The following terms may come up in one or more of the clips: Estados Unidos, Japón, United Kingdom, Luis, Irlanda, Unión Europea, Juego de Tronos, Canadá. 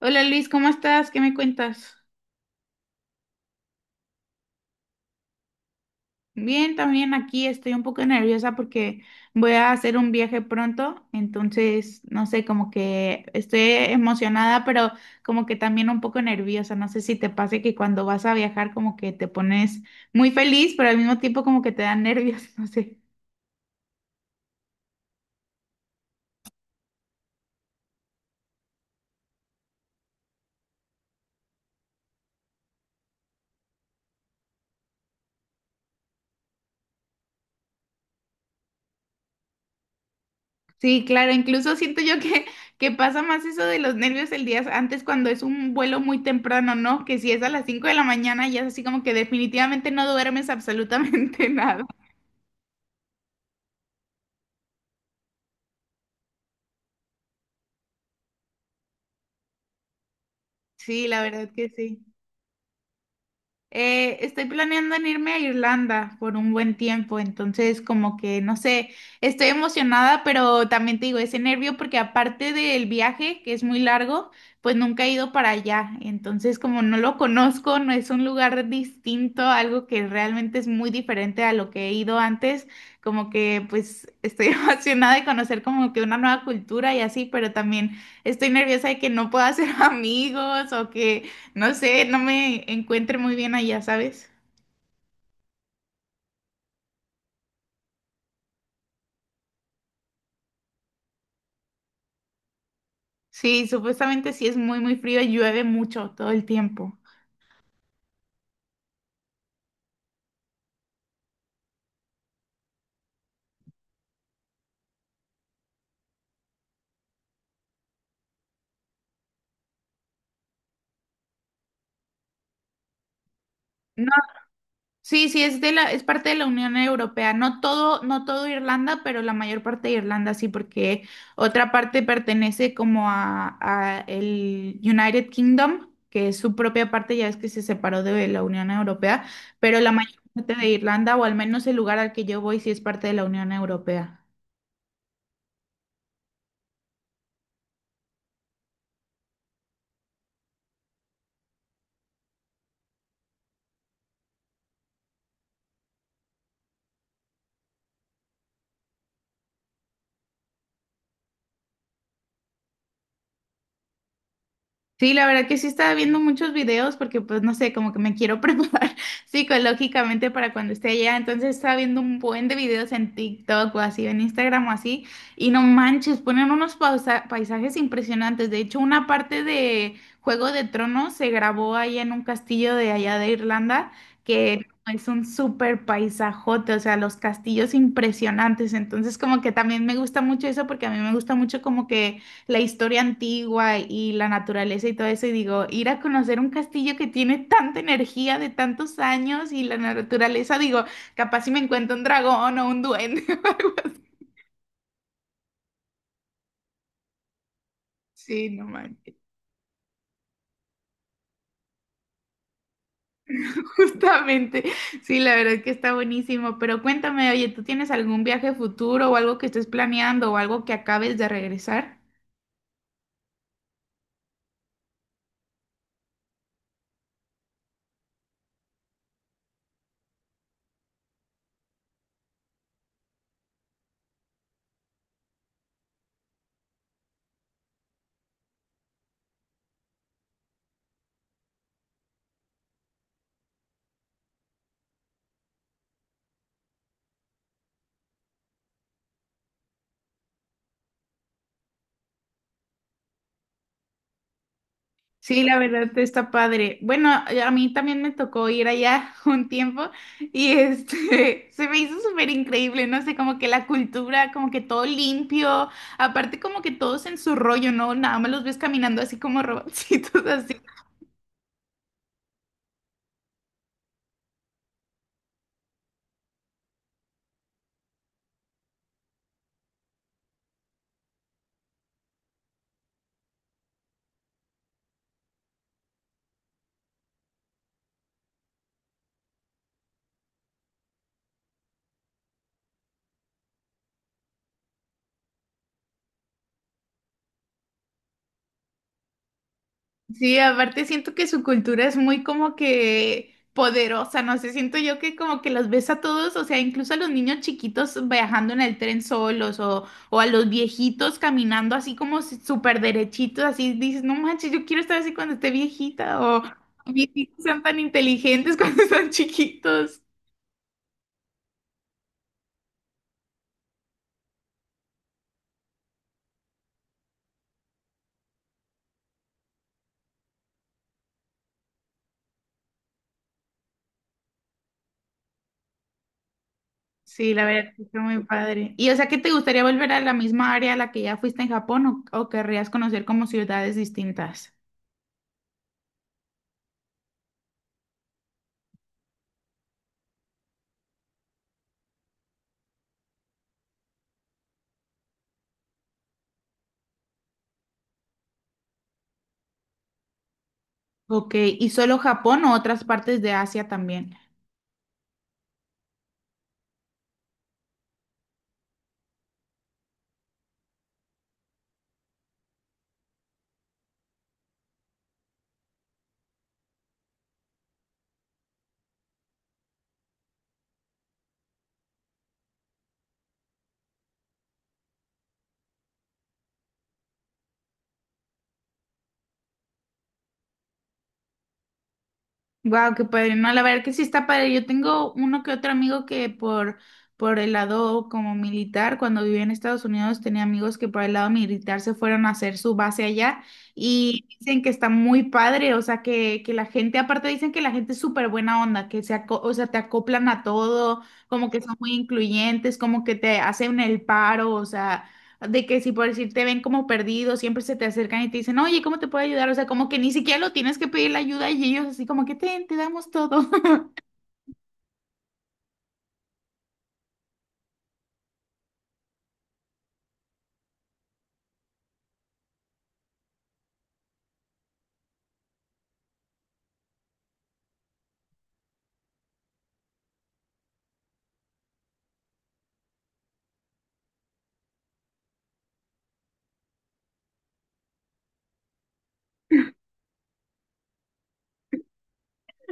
Hola Luis, ¿cómo estás? ¿Qué me cuentas? Bien, también aquí estoy un poco nerviosa porque voy a hacer un viaje pronto, entonces no sé, como que estoy emocionada, pero como que también un poco nerviosa. No sé si te pase que cuando vas a viajar como que te pones muy feliz, pero al mismo tiempo como que te dan nervios, no sé. Sí, claro, incluso siento yo que pasa más eso de los nervios el día antes cuando es un vuelo muy temprano, ¿no? Que si es a las 5 de la mañana ya es así como que definitivamente no duermes absolutamente nada. Sí, la verdad que sí. Estoy planeando en irme a Irlanda por un buen tiempo, entonces como que no sé, estoy emocionada, pero también te digo, ese nervio porque aparte del viaje, que es muy largo, pues nunca he ido para allá, entonces como no lo conozco, no es un lugar distinto, algo que realmente es muy diferente a lo que he ido antes, como que pues estoy emocionada de conocer como que una nueva cultura y así, pero también estoy nerviosa de que no pueda hacer amigos o que no sé, no me encuentre muy bien allá, ¿sabes? Sí, supuestamente sí es muy, muy frío y llueve mucho todo el tiempo. No, sí, sí es parte de la Unión Europea. No todo, no todo Irlanda, pero la mayor parte de Irlanda sí, porque otra parte pertenece como a el United Kingdom, que es su propia parte, ya es que se separó de la Unión Europea, pero la mayor parte de Irlanda, o al menos el lugar al que yo voy, sí es parte de la Unión Europea. Sí, la verdad que sí estaba viendo muchos videos porque pues no sé, como que me quiero preparar psicológicamente para cuando esté allá, entonces estaba viendo un buen de videos en TikTok o así, en Instagram o así, y no manches, ponen unos paisajes impresionantes. De hecho, una parte de Juego de Tronos se grabó ahí en un castillo de allá de Irlanda, que es un súper paisajote, o sea, los castillos impresionantes, entonces como que también me gusta mucho eso porque a mí me gusta mucho como que la historia antigua y la naturaleza y todo eso, y digo, ir a conocer un castillo que tiene tanta energía de tantos años y la naturaleza, digo, capaz si me encuentro un dragón o un duende o algo así. Sí, no manches. Justamente, sí, la verdad es que está buenísimo, pero cuéntame, oye, ¿tú tienes algún viaje futuro o algo que estés planeando o algo que acabes de regresar? Sí, la verdad está padre. Bueno, a mí también me tocó ir allá un tiempo y este se me hizo súper increíble, no sé, como que la cultura, como que todo limpio, aparte como que todos en su rollo, ¿no? Nada más los ves caminando así como robotcitos, así. Sí, aparte siento que su cultura es muy como que poderosa, no sé, siento yo que como que los ves a todos, o sea, incluso a los niños chiquitos viajando en el tren solos o a los viejitos caminando así como si- súper derechitos, así dices, no manches, yo quiero estar así cuando esté viejita o viejitos sean tan inteligentes cuando están chiquitos. Sí, la verdad, que está muy padre. Y o sea, ¿que te gustaría volver a la misma área a la que ya fuiste en Japón o querrías conocer como ciudades distintas? Ok, ¿y solo Japón o otras partes de Asia también? Wow, qué padre. No, la verdad que sí está padre. Yo tengo uno que otro amigo que por el lado como militar, cuando vivía en Estados Unidos, tenía amigos que por el lado militar se fueron a hacer su base allá y dicen que está muy padre. O sea, que la gente, aparte dicen que la gente es súper buena onda, que o sea, te acoplan a todo, como que son muy incluyentes, como que te hacen el paro, o sea. De que si por decir te ven como perdido, siempre se te acercan y te dicen, oye, ¿cómo te puedo ayudar? O sea, como que ni siquiera lo tienes que pedir la ayuda y ellos así como que te damos todo.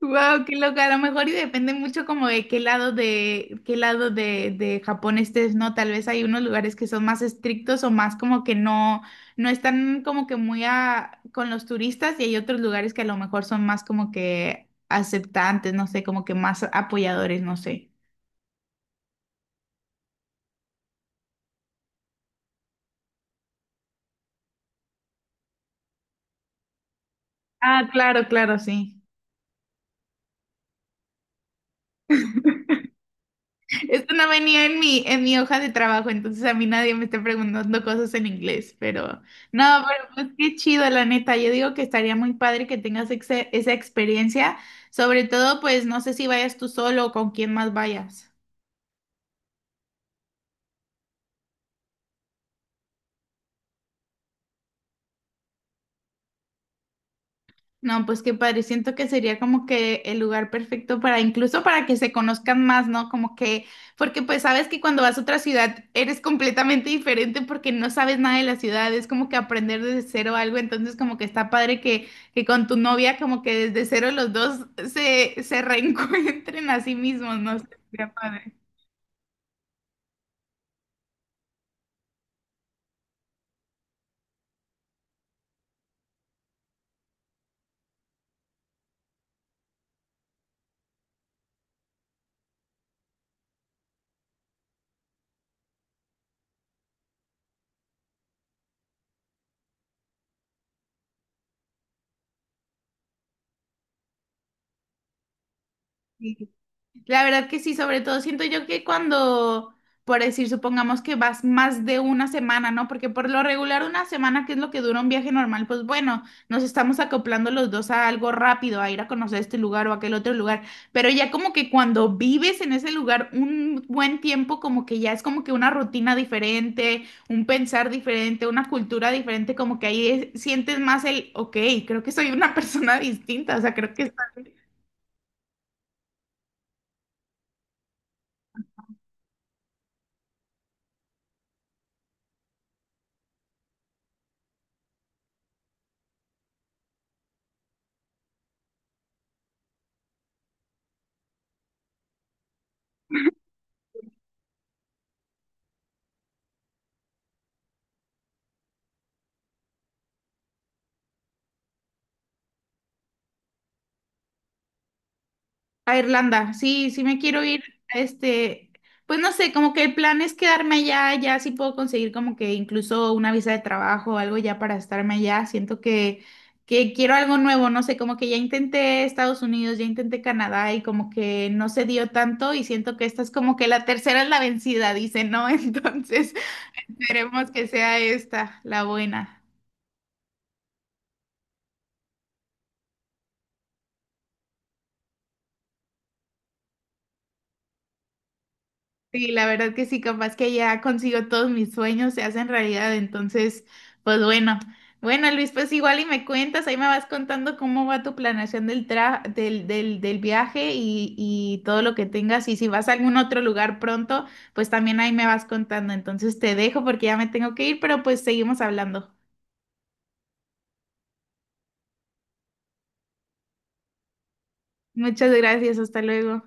Wow, qué loca. A lo mejor y depende mucho como de qué lado de Japón estés, ¿no? Tal vez hay unos lugares que son más estrictos o más como que no están como que muy a, con los turistas y hay otros lugares que a lo mejor son más como que aceptantes, no sé, como que más apoyadores, no sé. Ah, claro, claro, sí. Esto no venía en mi hoja de trabajo, entonces a mí nadie me está preguntando cosas en inglés, pero no, pero pues qué chido, la neta. Yo digo que estaría muy padre que tengas esa experiencia, sobre todo, pues no sé si vayas tú solo o con quién más vayas. No, pues qué padre, siento que sería como que el lugar perfecto para incluso para que se conozcan más, ¿no? Como que, porque pues sabes que cuando vas a otra ciudad eres completamente diferente porque no sabes nada de la ciudad, es como que aprender desde cero algo, entonces como que está padre que con tu novia como que desde cero los dos se reencuentren a sí mismos, ¿no? Sería padre. Sí. La verdad que sí, sobre todo siento yo que cuando, por decir, supongamos que vas más de una semana, ¿no? Porque por lo regular una semana, que es lo que dura un viaje normal, pues bueno, nos estamos acoplando los dos a algo rápido, a ir a conocer este lugar o aquel otro lugar, pero ya como que cuando vives en ese lugar un buen tiempo, como que ya es como que una rutina diferente, un pensar diferente, una cultura diferente, como que sientes más el, ok, creo que soy una persona distinta, o sea, creo que está. A Irlanda, sí, sí me quiero ir, este, pues no sé, como que el plan es quedarme allá, ya sí puedo conseguir como que incluso una visa de trabajo o algo ya para estarme allá, siento que quiero algo nuevo, no sé, como que ya intenté Estados Unidos, ya intenté Canadá y como que no se dio tanto y siento que esta es como que la tercera es la vencida, dice, ¿no? Entonces, esperemos que sea esta la buena. Sí, la verdad que sí, capaz que ya consigo todos mis sueños, se hacen realidad, entonces, pues bueno. Bueno, Luis, pues igual y me cuentas, ahí me vas contando cómo va tu planeación del del viaje y todo lo que tengas. Y si vas a algún otro lugar pronto, pues también ahí me vas contando. Entonces te dejo porque ya me tengo que ir, pero pues seguimos hablando. Muchas gracias, hasta luego.